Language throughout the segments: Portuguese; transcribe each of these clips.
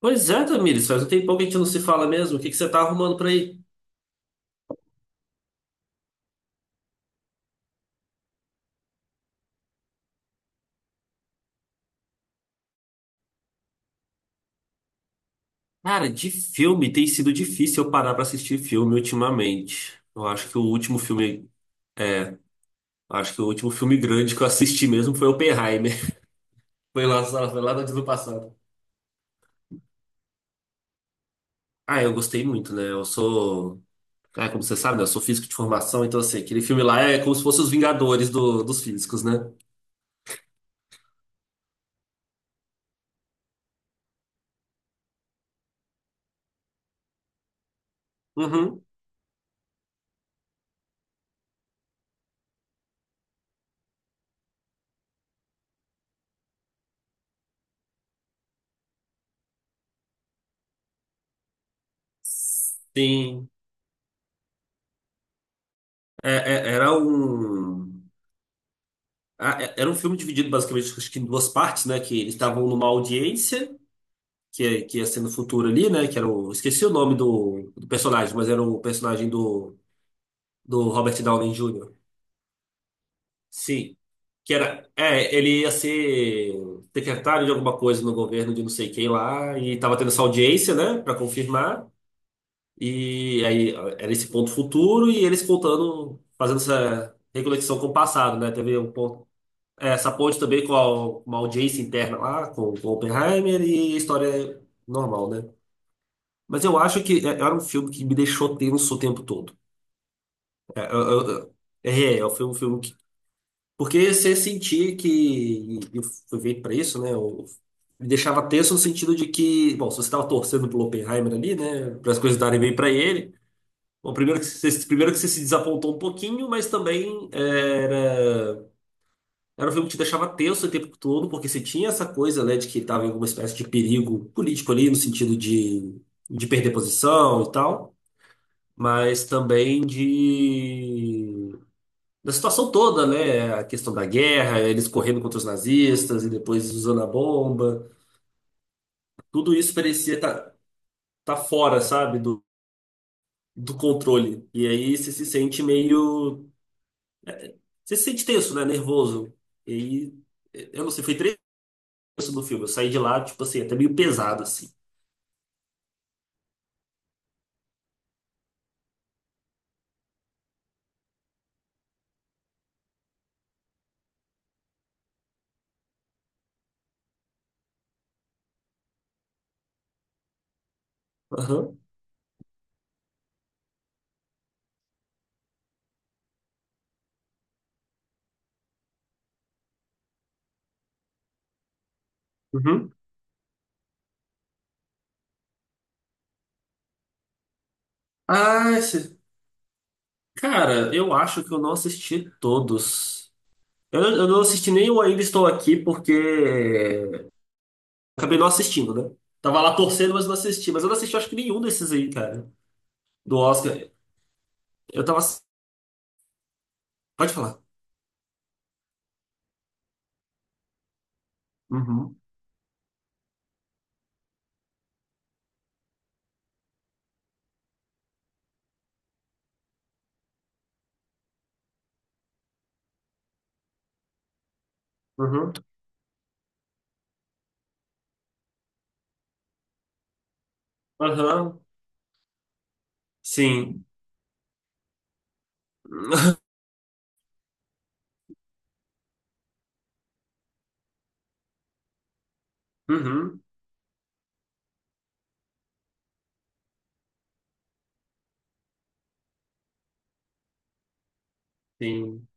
Pois é, Tamires, faz um tempão que a gente não se fala mesmo. O que que você tá arrumando por aí? Cara, de filme tem sido difícil eu parar pra assistir filme ultimamente. Eu acho que o último filme, Acho que o último filme grande que eu assisti mesmo foi Oppenheimer. Foi lá no ano passado. Ah, eu gostei muito, né? Como você sabe, né? Eu sou físico de formação, então assim, aquele filme lá é como se fosse os Vingadores dos físicos, né? Uhum. Sim. É- é- era um. Ah, era um filme dividido basicamente acho que em duas partes, né? Que eles estavam numa audiência, que ia ser no futuro ali, né? Que era o. Esqueci o nome do, do, personagem, mas era o personagem do Robert Downey Jr. Sim. Que era. É, ele ia ser secretário de alguma coisa no governo de não sei quem lá, e tava tendo essa audiência, né? Pra confirmar. E aí era esse ponto futuro e eles contando, fazendo essa reconexão com o passado, né? Teve um ponto. É, essa ponte também com a- uma audiência interna lá, com Oppenheimer e a história normal, né? Mas eu acho que era um filme que me deixou tenso o tempo todo. É, Foi um filme que. Porque você sentia que. E eu fui feito pra isso, né? Eu, me deixava tenso no sentido de que, bom, se você estava torcendo pelo Oppenheimer ali, né? Para as coisas darem bem pra ele. Bom, primeiro que você se desapontou um pouquinho, mas também é, era. Era um filme que te deixava tenso o tempo todo, porque você tinha essa coisa, né, de que estava em alguma espécie de perigo político ali, no sentido de perder posição e tal, mas também de da situação toda, né, a questão da guerra, eles correndo contra os nazistas e depois usando a bomba, tudo isso parecia tá, tá fora, sabe, do, do controle. E aí você se sente tenso, né, nervoso. E aí, eu não sei, foi 3 horas do filme, eu saí de lá, tipo assim, até meio pesado, assim. Aham. Uhum. Ah, esse... Cara, eu acho que eu não assisti todos. Eu não assisti nem o Ainda Estou Aqui porque é, acabei não assistindo, né? Tava lá torcendo, mas não assisti. Mas eu não assisti, acho que nenhum desses aí, cara. Do Oscar. Eu tava. ass- Pode falar. Uhum. Uhum. Aham. Sim. Uhum. Sim.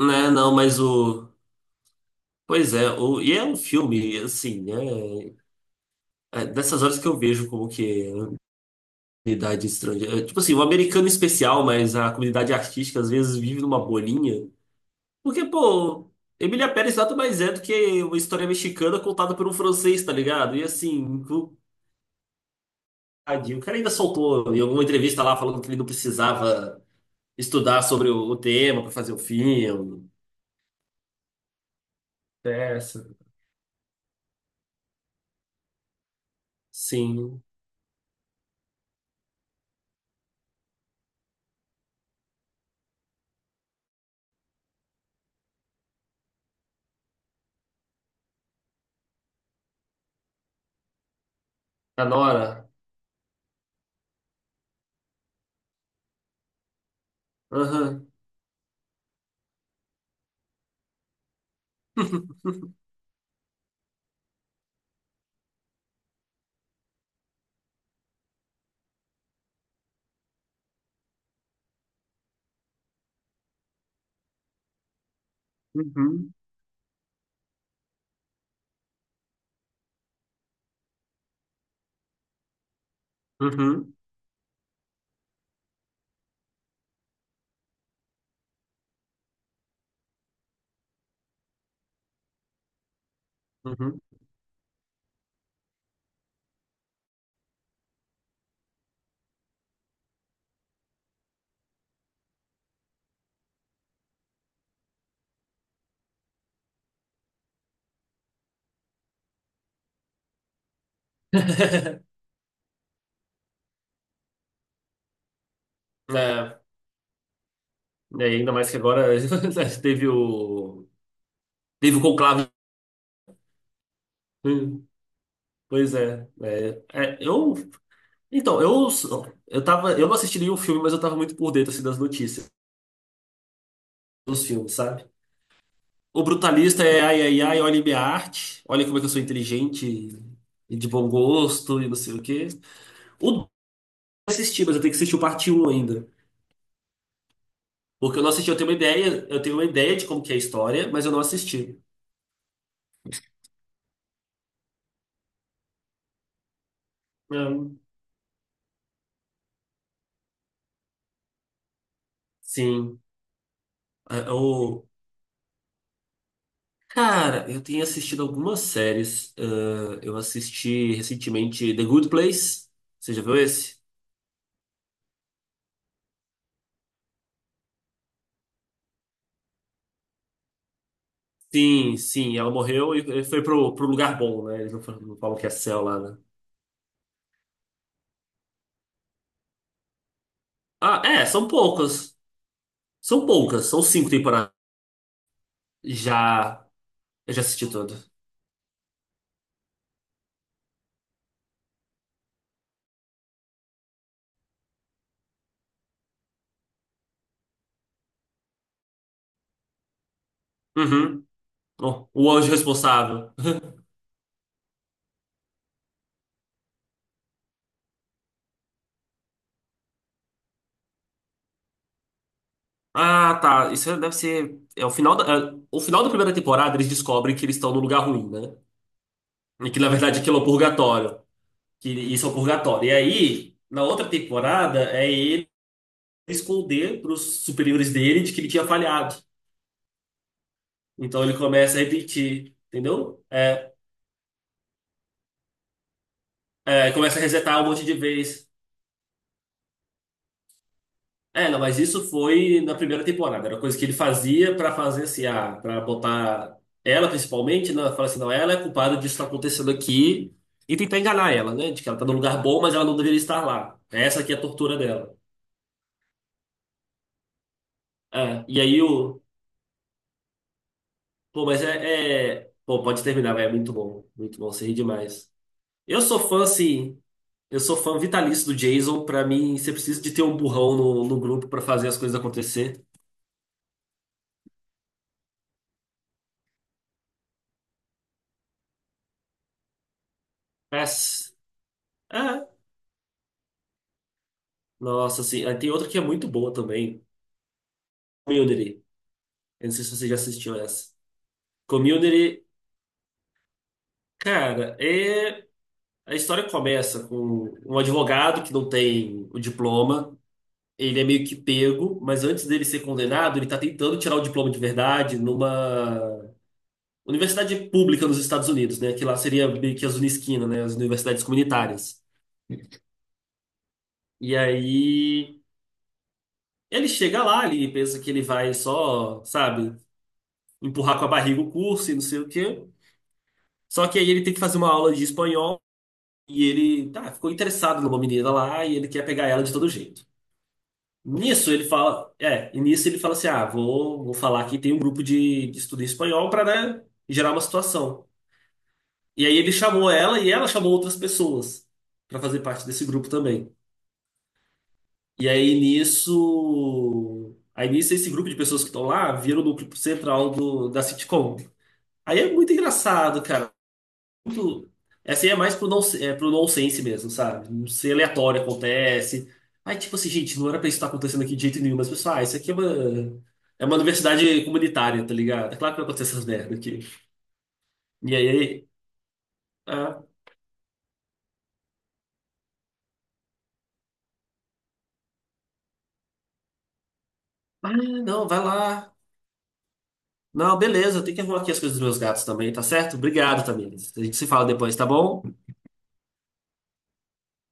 Né, não, mas o. Pois é, o... E é um filme, assim, né? É dessas horas que eu vejo como que. Comunidade estrangeira. É, tipo assim, o americano em especial, mas a comunidade artística às vezes vive numa bolinha. Porque, pô, Emília Pérez nada mais é do que uma história mexicana contada por um francês, tá ligado? E assim, o tadinho, o cara ainda soltou em alguma entrevista lá falando que ele não precisava estudar sobre o tema pra fazer o filme. Essa. Sim. A Nora. Aham. Uhum. Uhum. Uhum. É, Ainda mais que agora teve o. Teve o conclave. Né? Pois é, é, é, eu então eu tava eu não assisti nenhum filme, mas eu tava muito por dentro assim, das notícias dos filmes, sabe? O brutalista é ai ai ai, olha minha arte, olha como é que eu sou inteligente e de bom gosto e não sei o quê. O dois eu assisti, mas eu tenho que assistir o parte 1 ainda, porque eu não assisti, eu tenho uma ideia, eu tenho uma ideia de como que é a história, mas eu não assisti. Hum. Sim. É, o Cara, eu tenho assistido algumas séries. Ah, eu assisti recentemente The Good Place. Você já viu esse? Sim, sim, ela morreu e foi pro, pro lugar bom, né? Eles não falam que é céu lá, né? Ah, é, são poucas. São poucas, são 5 temporadas. Já, eu já assisti toda. Uhum. Oh, o Anjo Responsável. Ah, tá. Isso deve ser. O final da primeira temporada, eles descobrem que eles estão no lugar ruim, né? E que na verdade aquilo é o purgatório. E aí, na outra temporada, é ele esconder para os superiores dele de que ele tinha falhado. Então ele começa a repetir, entendeu? Começa a resetar um monte de vez. É, não, mas isso foi na primeira temporada. Era coisa que ele fazia para fazer assim, ah, para botar ela principalmente, né? Fala assim, não, ela é culpada disso que tá acontecendo aqui. E tentar enganar ela, né? De que ela tá num lugar bom, mas ela não deveria estar lá. Essa aqui é a tortura dela. É, e aí o Pô, mas Pô, pode terminar, velho. É muito bom. Muito bom, você ri demais. Eu sou fã, assim. Eu sou fã vitalício do Jason. Pra mim, você precisa de ter um burrão no, no grupo pra fazer as coisas acontecer. Mas, é. Nossa, assim. Aí tem outra que é muito boa também. Community. Eu não sei se você já assistiu essa. Community, cara, é. A história começa com um advogado que não tem o diploma. Ele é meio que pego, mas antes dele ser condenado, ele tá tentando tirar o diploma de verdade numa universidade pública nos Estados Unidos, né? Que lá seria meio que as Unisquina, né? As universidades comunitárias. E aí ele chega lá, ele pensa que ele vai só, sabe, empurrar com a barriga o curso e não sei o quê. Só que aí ele tem que fazer uma aula de espanhol e ele, tá, ficou interessado numa menina lá e ele quer pegar ela de todo jeito. Nisso ele fala, é, e nisso ele fala assim: ah, vou falar que tem um grupo de estudo em espanhol para, né, gerar uma situação. E aí ele chamou ela e ela chamou outras pessoas pra fazer parte desse grupo também. E aí nisso esse grupo de pessoas que estão lá viram o núcleo central do, da sitcom. Aí é muito engraçado, cara. Muito, essa aí é mais pro, non, é pro nonsense mesmo, sabe? Não sei, aleatório acontece. Aí tipo assim, gente, não era pra isso estar acontecendo aqui de jeito nenhum, mas pessoal, ah, isso aqui é uma universidade comunitária, tá ligado? É claro que vai acontecer essas merdas aqui. E aí, ah, ah, não, vai lá. Não, beleza, eu tenho que arrumar aqui as coisas dos meus gatos também, tá certo? Obrigado, Tamires. A gente se fala depois, tá bom?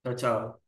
Tchau, tchau.